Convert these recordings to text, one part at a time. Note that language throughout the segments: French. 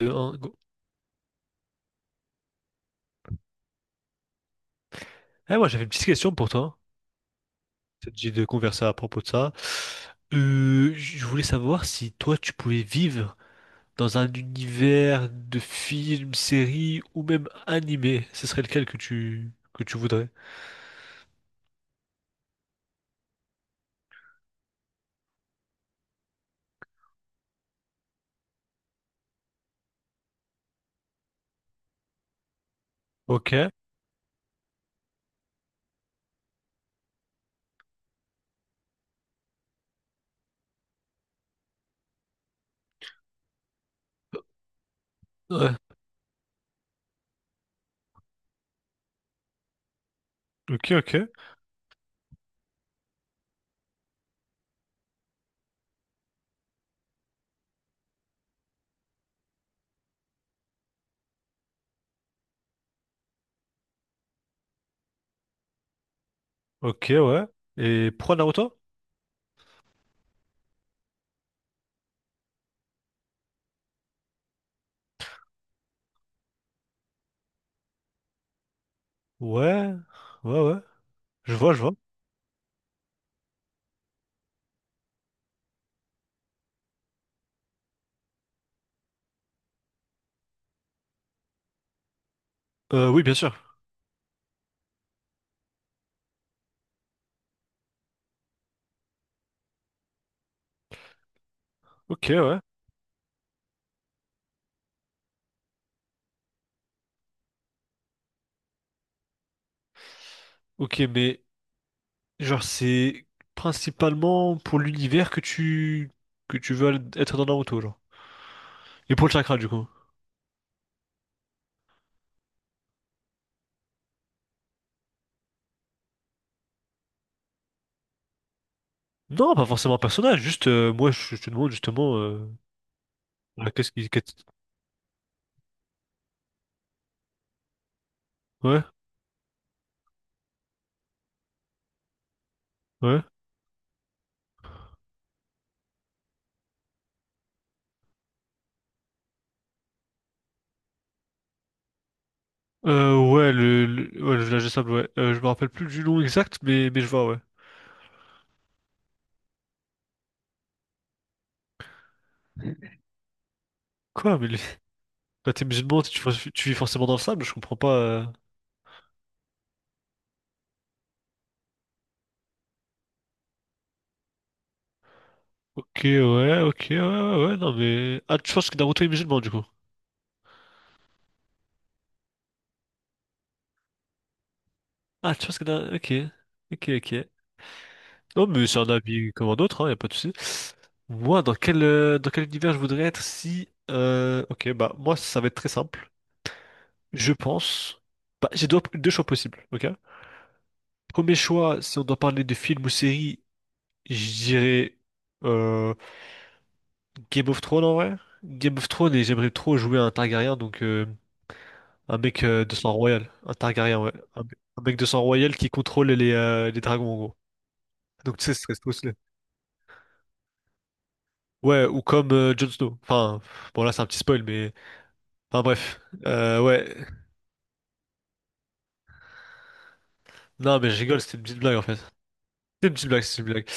Deux, un, go. Eh, moi, j'avais une petite question pour toi. J'ai de converser à propos de ça. Je voulais savoir si toi, tu pouvais vivre dans un univers de films, séries ou même animés. Ce serait lequel que tu voudrais? Ok. Ouais. Ok, ok. Ok, ouais. Et pourquoi Naruto? Ouais. Ouais, ouais. Je vois, je vois. Oui, bien sûr. Ok, ouais. Ok, mais genre, c'est principalement pour l'univers que tu veux être dans Naruto, genre. Et pour le chakra, du coup? Non, pas forcément un personnage, juste, moi, je te demande justement, ouais, qu'est-ce qui... qu'est- Ouais, ouais. Ouais, ouais, le village des sable, ouais. Je me rappelle plus du nom exact, mais je vois, ouais. Quoi, mais les- bah, t'es musulman, tu vis forcément dans le sable, je comprends pas. Ok, ouais, ok, ouais, ouais, ouais, ouais, non, mais... Ah, tu penses que Naruto est musulman, du coup? Ah, tu penses que Naruto... Ok, ok, ok. Non, mais c'est un avis comme un autre, hein, y a pas de souci. Moi, dans quel univers je voudrais être si... Ok, bah, moi, ça va être très simple. Je pense. Bah, j'ai deux choix possibles, ok? Premier choix, si on doit parler de film ou série, je dirais euh, Game of Thrones en vrai. Game of Thrones et j'aimerais trop jouer à un Targaryen, donc un mec de sang royal. Un Targaryen, ouais. Un mec de sang royal qui contrôle les dragons en gros. Donc tu sais, ce serait trop stylé. Ouais, ou comme Jon Snow. Enfin, bon là c'est un petit spoil, mais... Enfin bref. Ouais. Non mais je rigole, c'était une petite blague en fait. C'est une petite blague, c'est une blague.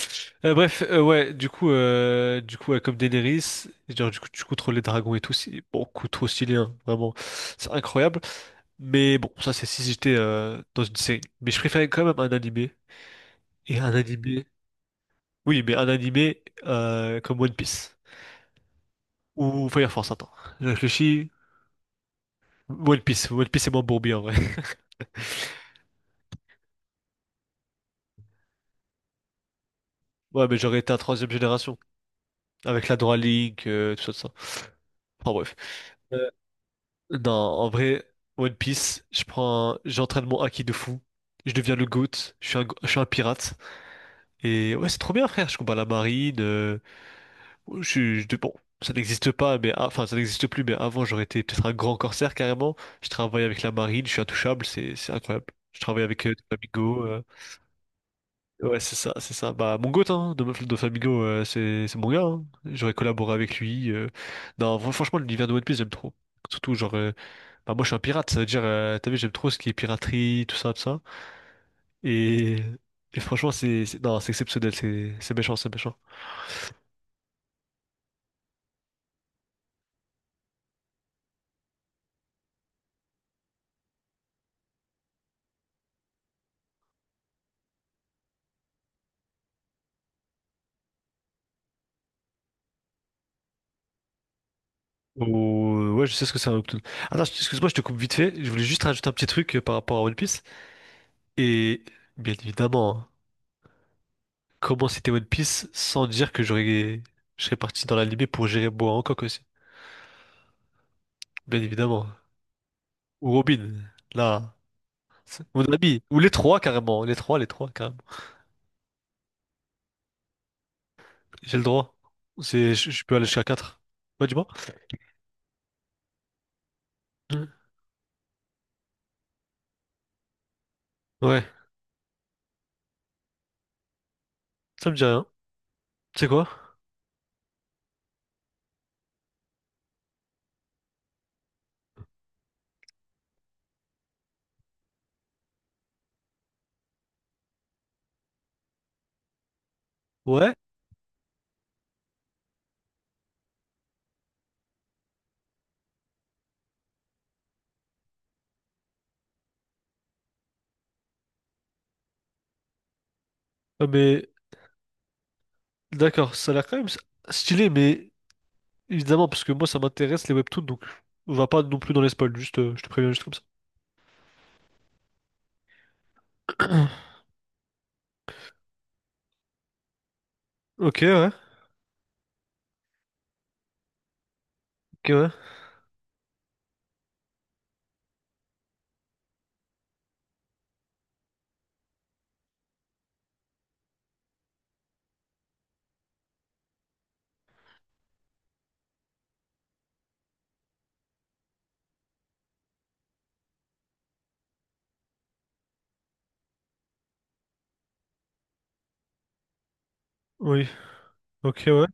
Ouais, du coup, ouais, comme Daenerys, genre, du coup, tu contrôles les dragons et tout, c'est beaucoup trop stylé, hein, vraiment, c'est incroyable. Mais bon, ça, c'est si j'étais dans une série. Mais je préférais quand même un animé. Et un animé, oui, mais un animé comme One Piece. Ou Fire Force, attends. Je réfléchis. One Piece, c'est moins bourbier, en vrai. Ouais, mais j'aurais été à troisième génération, avec la Dora Link, tout ça, tout ça. Enfin, bref. Euh, Non, en vrai, One Piece, je prends, j'entraîne mon haki de fou, je deviens le GOAT, je suis un pirate. Et ouais, c'est trop bien, frère, je combats la marine, je, suis- je- bon, ça n'existe pas, mais ah, enfin, ça n'existe plus, mais avant, j'aurais été peut-être un grand corsaire carrément. Je travaille avec la marine, je suis intouchable, c'est incroyable. Je travaille avec Doflamingo, ouais, c'est ça, c'est ça. Bah, mon GOAT, hein, Dof- Doflamingo, c'est mon gars, hein. J'aurais collaboré avec lui. Non, fran- franchement, l'univers de One Piece, j'aime trop. Surtout, genre, bah, moi, je suis un pirate, ça veut dire, t'as vu, j'aime trop ce qui est piraterie, tout ça, tout ça. Et, et franchement, c'est- non, c'est exceptionnel, c'est méchant, c'est méchant. Ou, ouais, je sais ce que c'est un Obtoon. Attends, excuse-moi, je te coupe vite fait. Je voulais juste rajouter un petit truc par rapport à One Piece. Et, bien évidemment, hein, comment c'était One Piece sans dire que j'aurais, je serais parti dans l'animé pour gérer Boa Hancock aussi. Bien évidemment. Ou Robin, là, c'est mon ami. Ou les trois, carrément. Les trois, carrément. J'ai le droit. C'est, je peux aller jusqu'à quatre. Ouais, dis-moi. Ouais, ça me dit rien. C'est quoi? Ouais? Ah, mais d'accord, ça a l'air quand même stylé, mais évidemment, parce que moi ça m'intéresse les webtoons, donc on va pas non plus dans les spoils, juste je te préviens juste comme ça. Ok, ouais, ok, ouais. Oui, ok, ouais.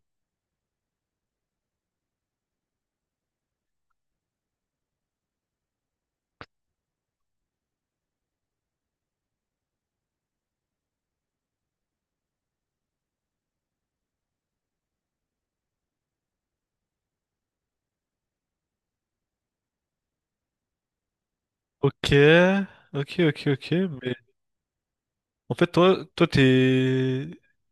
Ok, ok, ok, ok, mais en fait, toi, t'es.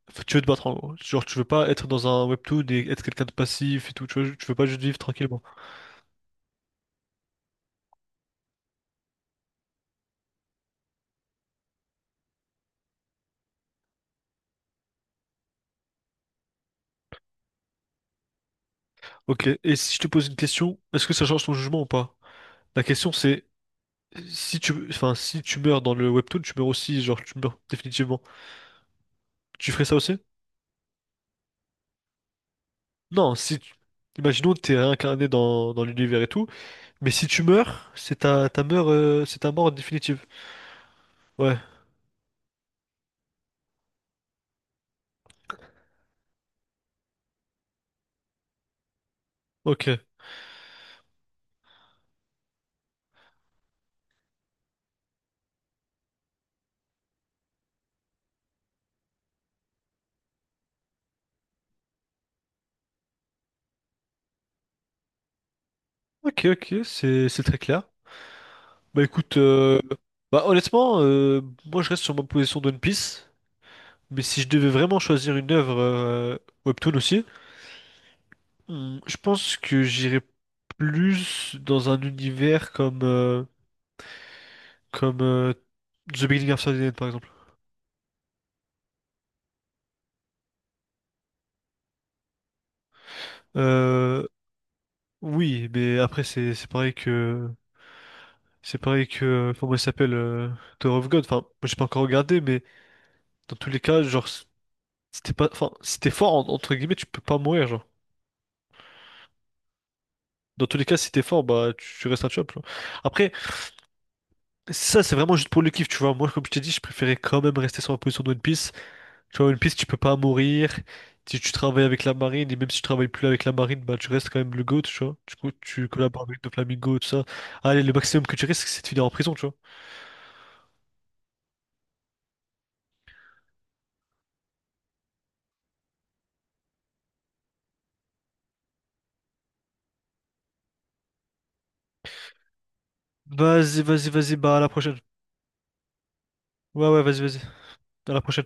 Enfin, tu veux te battre en gros. Genre, tu veux pas être dans un webtoon et être quelqu'un de passif et tout, tu vois, tu veux pas juste vivre tranquillement. Ok, et si je te pose une question, est-ce que ça change ton jugement ou pas? La question c'est, si tu, enfin, si tu meurs dans le webtoon, tu meurs aussi, genre tu meurs définitivement. Tu ferais ça aussi? Non, si tu... Imaginons que t'es réincarné dans l'univers et tout, mais si tu meurs, c'est ta, ta mort, c'est ta mort définitive. Ouais, ok. Ok, ok, c'est très clair. Bah écoute, bah honnêtement, moi je reste sur ma position d'One Piece, mais si je devais vraiment choisir une œuvre webtoon aussi, Hmm, je pense que j'irais plus dans un univers comme, comme The Beginning of Sardine, par exemple. Euh, oui, mais après, c'est pareil que. C'est pareil que. Comment il s'appelle Tower of God. Enfin, moi, j'ai pas encore regardé, mais dans tous les cas, genre, si t'es pas. Enfin, si t'es fort, en- entre guillemets, tu peux pas mourir, genre. Dans tous les cas, si t'es fort, bah, tu restes un chop, genre. Après, ça, c'est vraiment juste pour le kiff, tu vois. Moi, comme je t'ai dit, je préférais quand même rester sur ma position de One Piece. Tu vois, One Piece, tu peux pas mourir. Si tu travailles avec la marine, et même si tu travailles plus avec la marine, bah tu restes quand même le GOAT, tu vois. Du coup, tu collabores avec le Flamingo, tout ça. Allez, le maximum que tu risques, c'est de finir en prison, tu vois. Vas-y, vas-y, vas-y, bah à la prochaine. Ouais, ouais, vas-y, vas-y. À la prochaine.